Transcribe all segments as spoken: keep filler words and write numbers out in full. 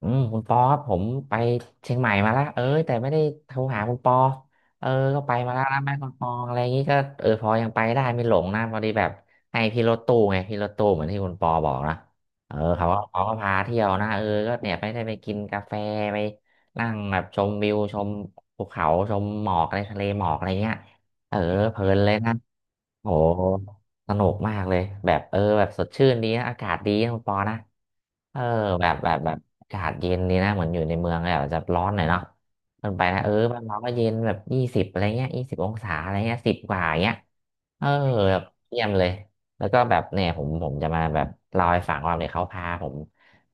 อืมคุณปอครับผมไปเชียงใหม่มาแลวเอ้ยแต่ไม่ได้โทรหาคุณปอเออก็ไปมาแล้วไแม่คุณปออะไรอย่างงี้ก็เออพอยังไปได้ไม่หลงนะพอดีแบบให้พี่รถตู้ไงพี่รถตู้เหมือนที่คุณปอบอกนะเออเขาก็เขาก็พาเที่ยวนะเออก็เนี่ยไปได้ไปกินกาแฟไปนั่งแบบชมวิวชมภูเขาชมหมอกอะไรทะเลหมอกอะไรเงี้ยเออเพลินเลยนะ โอ้สนุกมากเลยแบบเออแบบสดชื่นดีนะอากาศดีนะคุณปอนะเออแบบแบบแบบอากาศเย็นดีนะเหมือนอยู่ในเมืองแบบจะร้อนหน่อยเนาะมันไปนะเออบ้านเราก็เย็นแบบยี่สิบอะไรเงี้ยยี่สิบองศาอะไรเงี้ยสิบกว่าอย่างเงี้ยเออแบบเยี่ยมเลยแล้วก็แบบเนี่ยผมผมจะมาแบบเล่าให้ฟังว่าเนี่ยเขาพาผม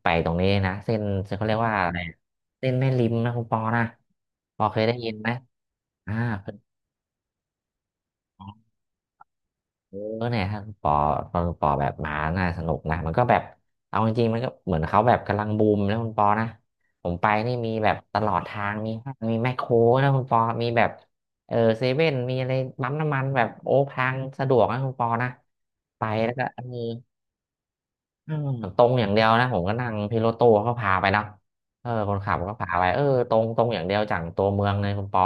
ไปตรงนี้นะเส้นเขาเรียกว่าอะไรเส้นแม่ริมนะคุณปอนะปอเคยได้ยินไหมอ่า เออเนี่ยถ้าปอตอนปอแบบหมาน่าสนุกนะมันก็แบบเอาจริงๆมันก็เหมือนเขาแบบกำลังบูมแล้วคุณปอนะผมไปนี่มีแบบตลอดทางมีห้างมีแมคโครนะคุณปอมีแบบเออเซเว่นมีอะไรปั๊มน้ำมันแบบโอ้ทางสะดวกนะคุณปอนะไปแล้วก็เออ อืมมันตรงอย่างเดียวนะผมก็นั่งพี่รถตู้เขาพาไปนะเออคนขับก็พาไปเออตรงตรงอย่างเดียวจากตัวเมืองเลยคุณปอ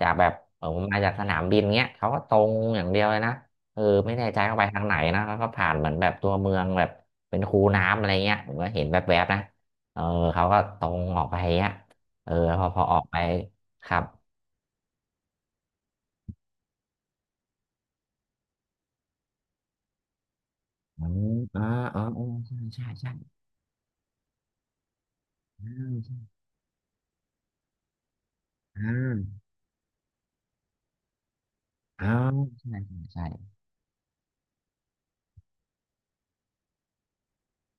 จากแบบเออผมมาจากสนามบินเงี้ยเขาก็ตรงอย่างเดียวเลยนะเออไม่แน่ใจเขาไปทางไหนนะแล้วก็ผ่านเหมือนแบบตัวเมืองแบบเป็นคูน้ำอะไรเงี้ยผมก็เห็นแวบๆนะเออเขาก็ตรงออกไปเงี้ยเออพอพอออกไปครับอ๋ออ๋ออ๋ออ๋อใช่ใช่ใช่อ่าใช่อ่าออใช่ใช่ใช่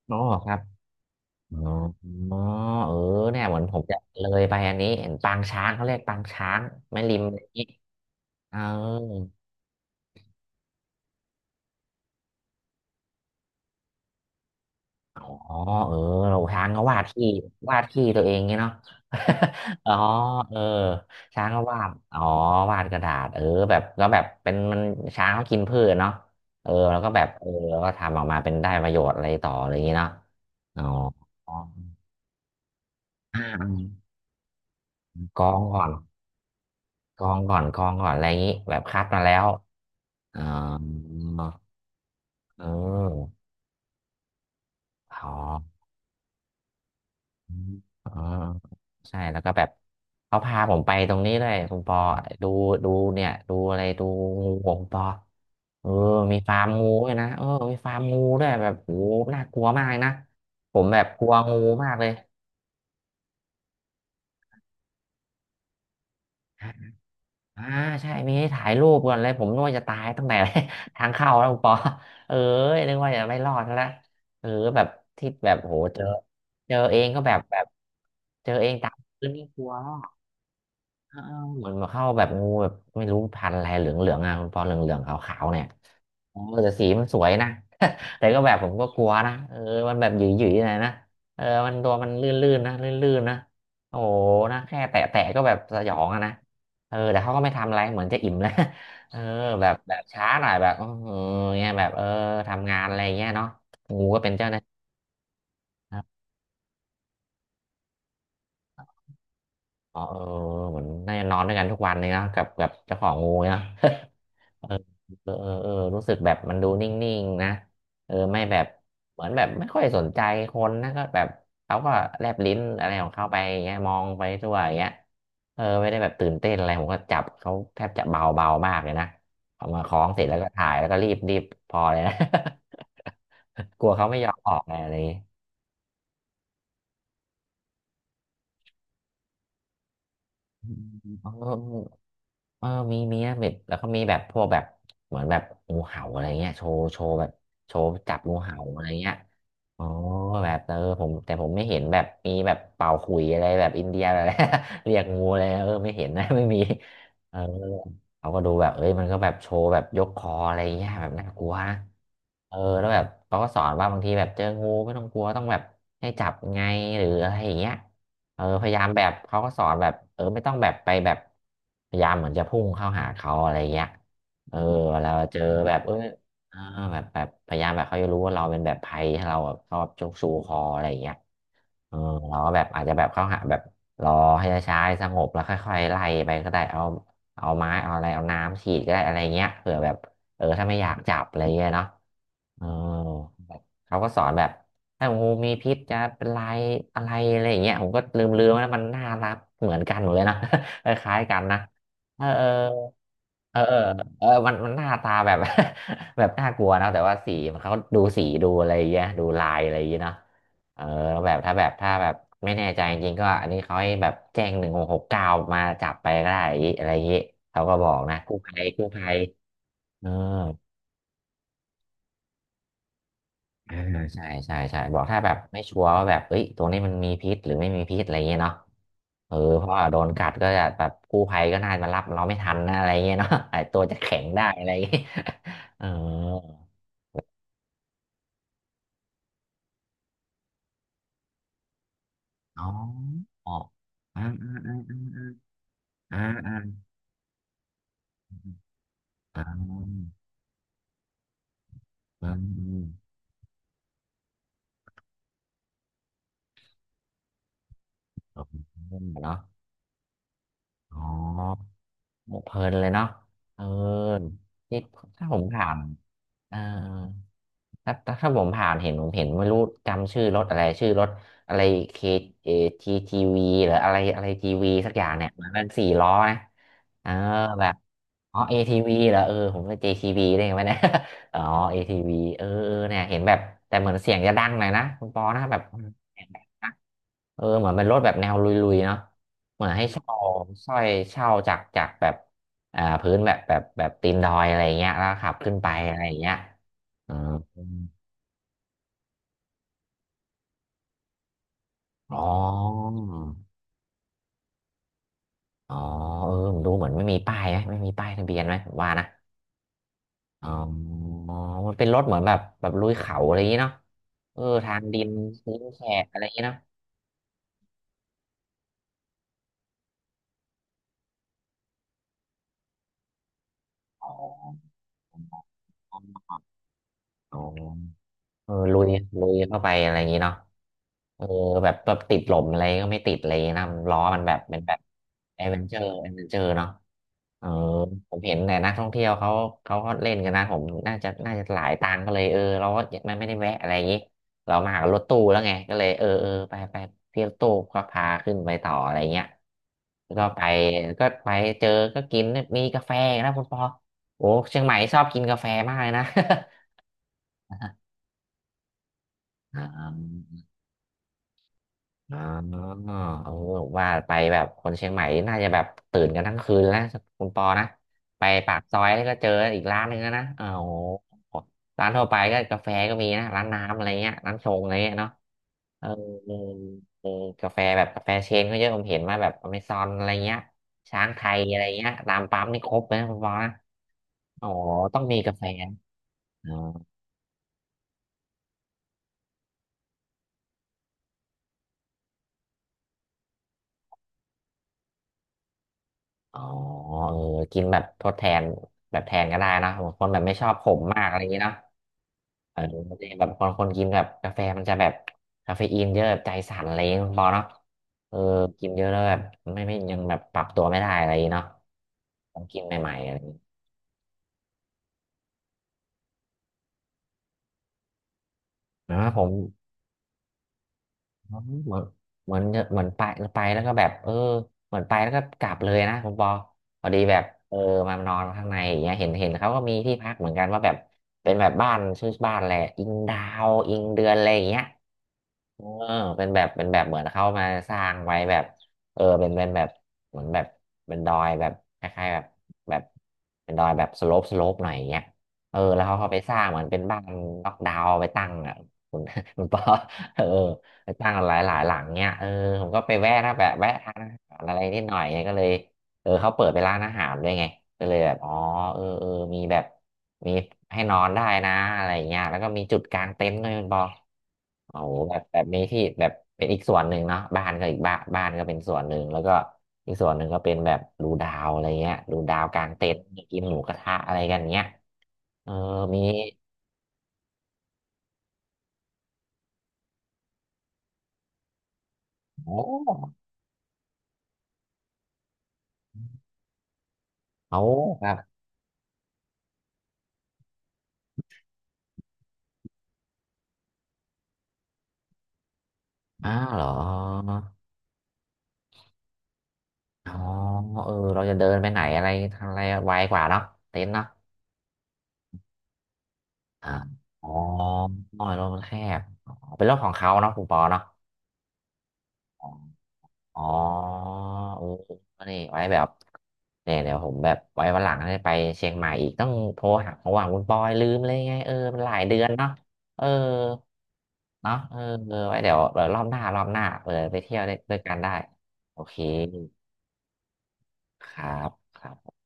อ๋อครับ อ๋อเออเนี่ยเหมือนผมจะเลยไปอันนี้เห็นปางช้างเขาเรียกปางช้างแม่ริมอะไรอย่างนี้เอออ๋อเออเราช้างก็วาดที่วาดที่ตัวเองงี้เนาะ อ๋อเออช้างก็วาดอ๋อวาดกระดาษเออแบบก็แบบเป็นมันช้างเขากินพืชเนาะเออแล้วก็แบบเออแล้วก็ทำออกมาเป็นได้ประโยชน์อะไรต่ออะไรอย่างนี้เนาะอ๋ออ่ากองก่อนกองก่อนกองก่อนอะไรอย่างนี้แบบคัดมาแล้ว อ๋อเอออ๋อเออใช่ แล้วก็แบบเขาพาผมไปตรงนี้ด้วยคุณปอดูดูเนี่ยดูอะไรดูงูของคุณปอเออ มีฟาร์มงูด้วยนะ เออ มีฟาร์มงูด้วยแบบโหน่ากลัวมากนะ ผมแบบกลัวงูมากเลย อ่าใช่มีให้ถ่ายรูปก่อนเลยผมนึกว่าจะตายตั้งแต่ ทางเข้าแล้วคุณปอ เออนึกว่าจะไม่รอดแล้วเออแบบที่แบบโหเจอเจอเองก็แบบแบบเจอเองตามพื้นนี่กลัว เออเหมือนเข้าแบบงูแบบไม่รู้พันธุ์อะไรเหลืองๆอ่ะคุณปอเหลืองๆขาวๆเนี่ยเออแต่สีมันสวยนะ แต่ก็แบบผมก็กลัวนะเออมันแบบหยิ่ยๆหน่อยนะเออมันตัวมันลื่นๆนะลื่นๆนะโอ้โหนะแค่แตะๆก็แบบสยองอะนะเออแต่เขาก็ไม่ทำอะไรเหมือนจะอิ่มแล้ว เออแบบแบบช้าหน่อยแบบเออเงี้ยแบบเออทำงานอะไรเงี้ยเนาะงูก็เป็นเจ้าหน้าที่ะอ๋อเออเหมือนน่าจะนอนด้วยกันทุกวันเลยเนาะกับกับเจ้าของงูเนาะ เออเออเออเออรู้สึกแบบมันดูนิ่งๆนะเออไม่แบบเหมือนแบบไม่ค่อยสนใจคนนะก็แบบเขาก็แลบลิ้นอะไรของเขาไปอย่างเงี้ยมองไปทั่วอย่างเงี้ยเออไม่ได้แบบตื่นเต้นอะไรผมก็จับเขาแทบจะเบาเบามากเลยนะเอามาคล้องเสร็จแล้วก็ถ่ายแล้วก็รีบรีบพอเลยนะ กลัวเขาไม่ยอมออกไงอะไรอย่างงี้อืมเออ เออมีมีนะแบบแล้วก็มีแบบพวกแบบเหมือนแบบงูเห่าอะไรเงี้ยโชว์โชว์แบบโชว์จับงูเห่าอะไรเงี้ยอ๋อแบบเออผมแต่ผมไม่เห็นแบบมีแบบเป่าขลุ่ยอะไรแบบอินเดียอะไร เรียกงูอะไรเออไม่เห็นนะ ไม่มีเออเขาก็ดูแบบเอ้ยมันก็แบบโชว์แบบยกคออะไรเงี้ยแบบน่ากลัวนะเออแล้วแบบเขาก็สอนว่าบางทีแบบเจองูไม่ต้องกลัวต้องแบบให้จับไงหรืออะไรอย่างเงี้ย เออพยายามแบบเขาก็สอนแบบเออไม่ต้องแบบไปแบบพยายามเหมือนจะพุ่งเข้าหาเขาอะไรเงี้ยเออเวลาเจอแบบเออเออแบบแบบพยายามแบบเขาจะรู้ว่าเราเป็นแบบภัยให้เราแบบชอบชกชูคออะไรเงี้ยเออเราก็แบบอาจจะแบบเข้าหาแบบรอให้ช้าๆสงบแล้วค่อยๆไล่ไปก็ได้เอาเอาไม้เอาอะไรเอาน้ำฉีดก็ได้อะไรเงี้ยเผื่อแบบเออถ้าไม่อยากจับอะไรเงี้ยเนาะ เออแบบเขาก็สอนแบบถ้างูมีพิษจะเป็นลายอะไรอะไรอย่างเงี้ยผมก็ลืมลืมแล้วมันน่ารักเหมือนกันหมดเลยนะ คล้ายๆกันนะเออเออเออเออมันมันหน้าตาแบบ แบบน่ากลัวนะแต่ว่าสีมันเขาดูสีดูอะไรอย่างเงี้ยดูลายอะไรอย่างเงี้ยเนาะเออแล้วแบบถ้าแบบถ้าแบบไม่แน่ใจจริงๆก็อันนี้เขาให้แบบแจ้งหนึ่งหกเก้ามาจับไปก็ได้อะไรอย่างงี้เขาก็บอกนะกู้ภัยกู้ภัยเออ อ่าใช่ใช่ใช่บอกถ้าแบบไม่ชัวร์ว่าแบบเอ้ยตรงนี้มันมีพิษหรือไม่มีพิษอะไรเงี้ยเนาะเออเพราะว่าโดนกัดก็จะแบบกู้ภัยก็น่าจะมารับเราไม่ทันนะอะไรเงี้ยเนาะไอตัวจะแข็งได้อะไรเงี้ยเอออ๋ออ๋ออ่าอ่าอ่าอ่าอ่าอ่าอ่าอ่าเนาะอ๋อเพลินเลยเนาะเออที่ถ้าผมผ่านเออ ถ้าถ้าถ้าผมผ่านเห็นผมเห็นไม่รู้จำชื่อรถอะไรชื่อรถอะไรเคเอทีทีวีหรืออะไรอะไรทีวีสักอย่างเนี่ยเหมือนเป็นสี่ล้อนะเออแบบอ๋อเอทีวีเหรอเออผมเป็นเจทีวีได้ไงวะเนี่ย อ๋อเอทีวีเออเออเนี่ยเห็นแบบแต่เหมือนเสียงจะดังหน่อยนะคุณปอนะแบบเสียงดังนะเออเหมือนเป็นรถแบบแนวลุยๆเนาะเหมือนให้เช่าสร้อยเช่าจากจากแบบอ่าพื้นแบบแบบแบบตีนดอยอะไรเงี้ยแล้วขับขึ้นไปอะไรเงี้ยอ๋อ อ๋ออ๋อเออผมดูเหมือนไม่มีป้ายไหมไม่มีป้ายทะเบียนไหมผมว่านะอ๋อมันเป็นรถเหมือนแบบแบบลุยเขาอะไรอย่างนี้เนาะเออทางดินพื้นแฉะอะไรอย่างนี้เนาะอ๋ออ๋อเออลุยลุยเข้าไปอะไรอย่างนี้เนาะ เออแบบแบบติดหลมอะไรก็ไม่ติดอะไรอย่างเลยนะนล้อมันแบบเป็นแบบแอดเวนเจอร์แอดเวนเจอร์เนาะเออผมเห็นแต่นักท่องเที่ยวเขาเขาก็เล่นกันนะผมน่าจะน่าจะหลายตังค์ก็เลยเออเราก็มันไม่ได้แวะอะไรอย่างนี้เรามากับรถตู้แล้วไงก็เลยเออเออไปไปพี่รถตู้ก็พาขึ้นไปต่ออะไรเงี้ยแล้วก็ไปก็ไปเจอก็กินมีกาแฟนะคุณปอโอ้เชียงใหม่ชอบกินกาแฟมากเลยนะ อ่า อ๋อโอว่าไปแบบคนเชียงใหม่น่าจะแบบตื่นกันทั้งคืนแล้วนะคุณปอนะไปปากซอยก็เจออีกร้านหนึ่งแล้วนะอ้าวโหร้านทั่วไปก็กาแฟก็มีนะร้านน้ำอะไรเงี้ยร้านชงอะไรเงี้ยเนาะเออเออเออกาแฟแบบกาแฟเชนก็เยอะผมเห็นมาแบบอเมซอนอะไรเงี้ยช้างไทยอะไรเงี้ยตามปั๊มนี่ครบเลยนะคุณปอนะโอ๋ต้องมีกาแฟนะอ๋ออ๋อเออกินแบบทดแทนแบบแทนก็ได้เนอะบางคนแบบไม่ชอบขมมากอะไรอย่างนี้เนาะ เออมันจะแบบบางคนกินแบบกาแฟมันจะแบบคาเฟอีนเยอะแบบใจสั่นอะไรอย่างเงี้ยคุณปอเนาะเออกินเยอะแล้วแบบไม่ไม่ยังแบบปรับตัวไม่ได้อะไรอย่างเงี้ยเนาะต้องกินใหม่ๆอะไรอย่างเงี้ยนะผมเหมือนเหมือนเหมือนไปไปแล้วก็แบบเออเหมือนไปแล้วก็กลับเลยนะคุณปอพอดีแบบเออมานอนข้างในอย่างเงี้ยเห็นเห็นเขาก็มีที่พักเหมือนกันว่าแบบเป็นแบบบ้านชื่อบ้านอะไรอิงดาวอิงเดือนอะไรอย่างเงี้ย เออเป็นแบบเป็นแบบเหมือนเข้ามาสร้างไว้แบบเออเป็นเป็นแบบเหมือนแบบเป็นดอยแบบคล้ายๆแบบแบบเป็นดอยแบบสโลปสโลปหน่อยอย่างเงี้ยเออแล้วเขาเขาไปสร้างเหมือนเป็นบ้านล็อกดาวน์ไปตั้งอ่ะคุณ คุณปอ เออไปตั้งหลายหลายหลังเงี้ยเออผมก็ไปแวะนะแบบแวะทานอาหารอะไรนิดหน่อยไงก็เลยเออเขาเปิดเป็นร้านอาหารด้วยไงก็เลยแบบอ๋อเออเออมีแบบ มีให้นอนได้นะอะไรอย่างเงี้ยแล้วก็มีจุดกลางเต็นท์ด้วยคุณปอโอ้โหแบบแบบมีที่แบบเป็นอีกส่วนหนึ่งเนาะบ้านก็อีกบ้านบ้านก็เป็นส่วนหนึ่งแล้วก็อีกส่วนหนึ่งก็เป็นแบบดูดาวอะไรเงี้ยดูดาวกลางเต็นท์มีกินหมูกระทะอะไรกันเงี้ยเออมีโอ้โอ้ครับอ้าวเหรออ๋อเออเราจะเดินไปไหนอะไรทางอะไรไวกว่าเนาะเต็นท์เนาะอ่าอ๋อรถมันแคบอ๋อเป็นรถของเขาเนาะคุณปอเนาะ อ๋อโอ้นี่ไว้แบบ เนี่ยเดี๋ยวผมแบบไว้วันหลังได้ไปเชียงใหม่อีกต้องโทรหาเพราะว่าคุณปอยลืมเลยไงเออมันหลายเดือนเนาะเออเนาะเออเออไว้เดี๋ยวเดี๋ยวรอบหน้ารอบหน้าเออไปเที่ยวด้วยด้วยกันได้โอเคครับครับ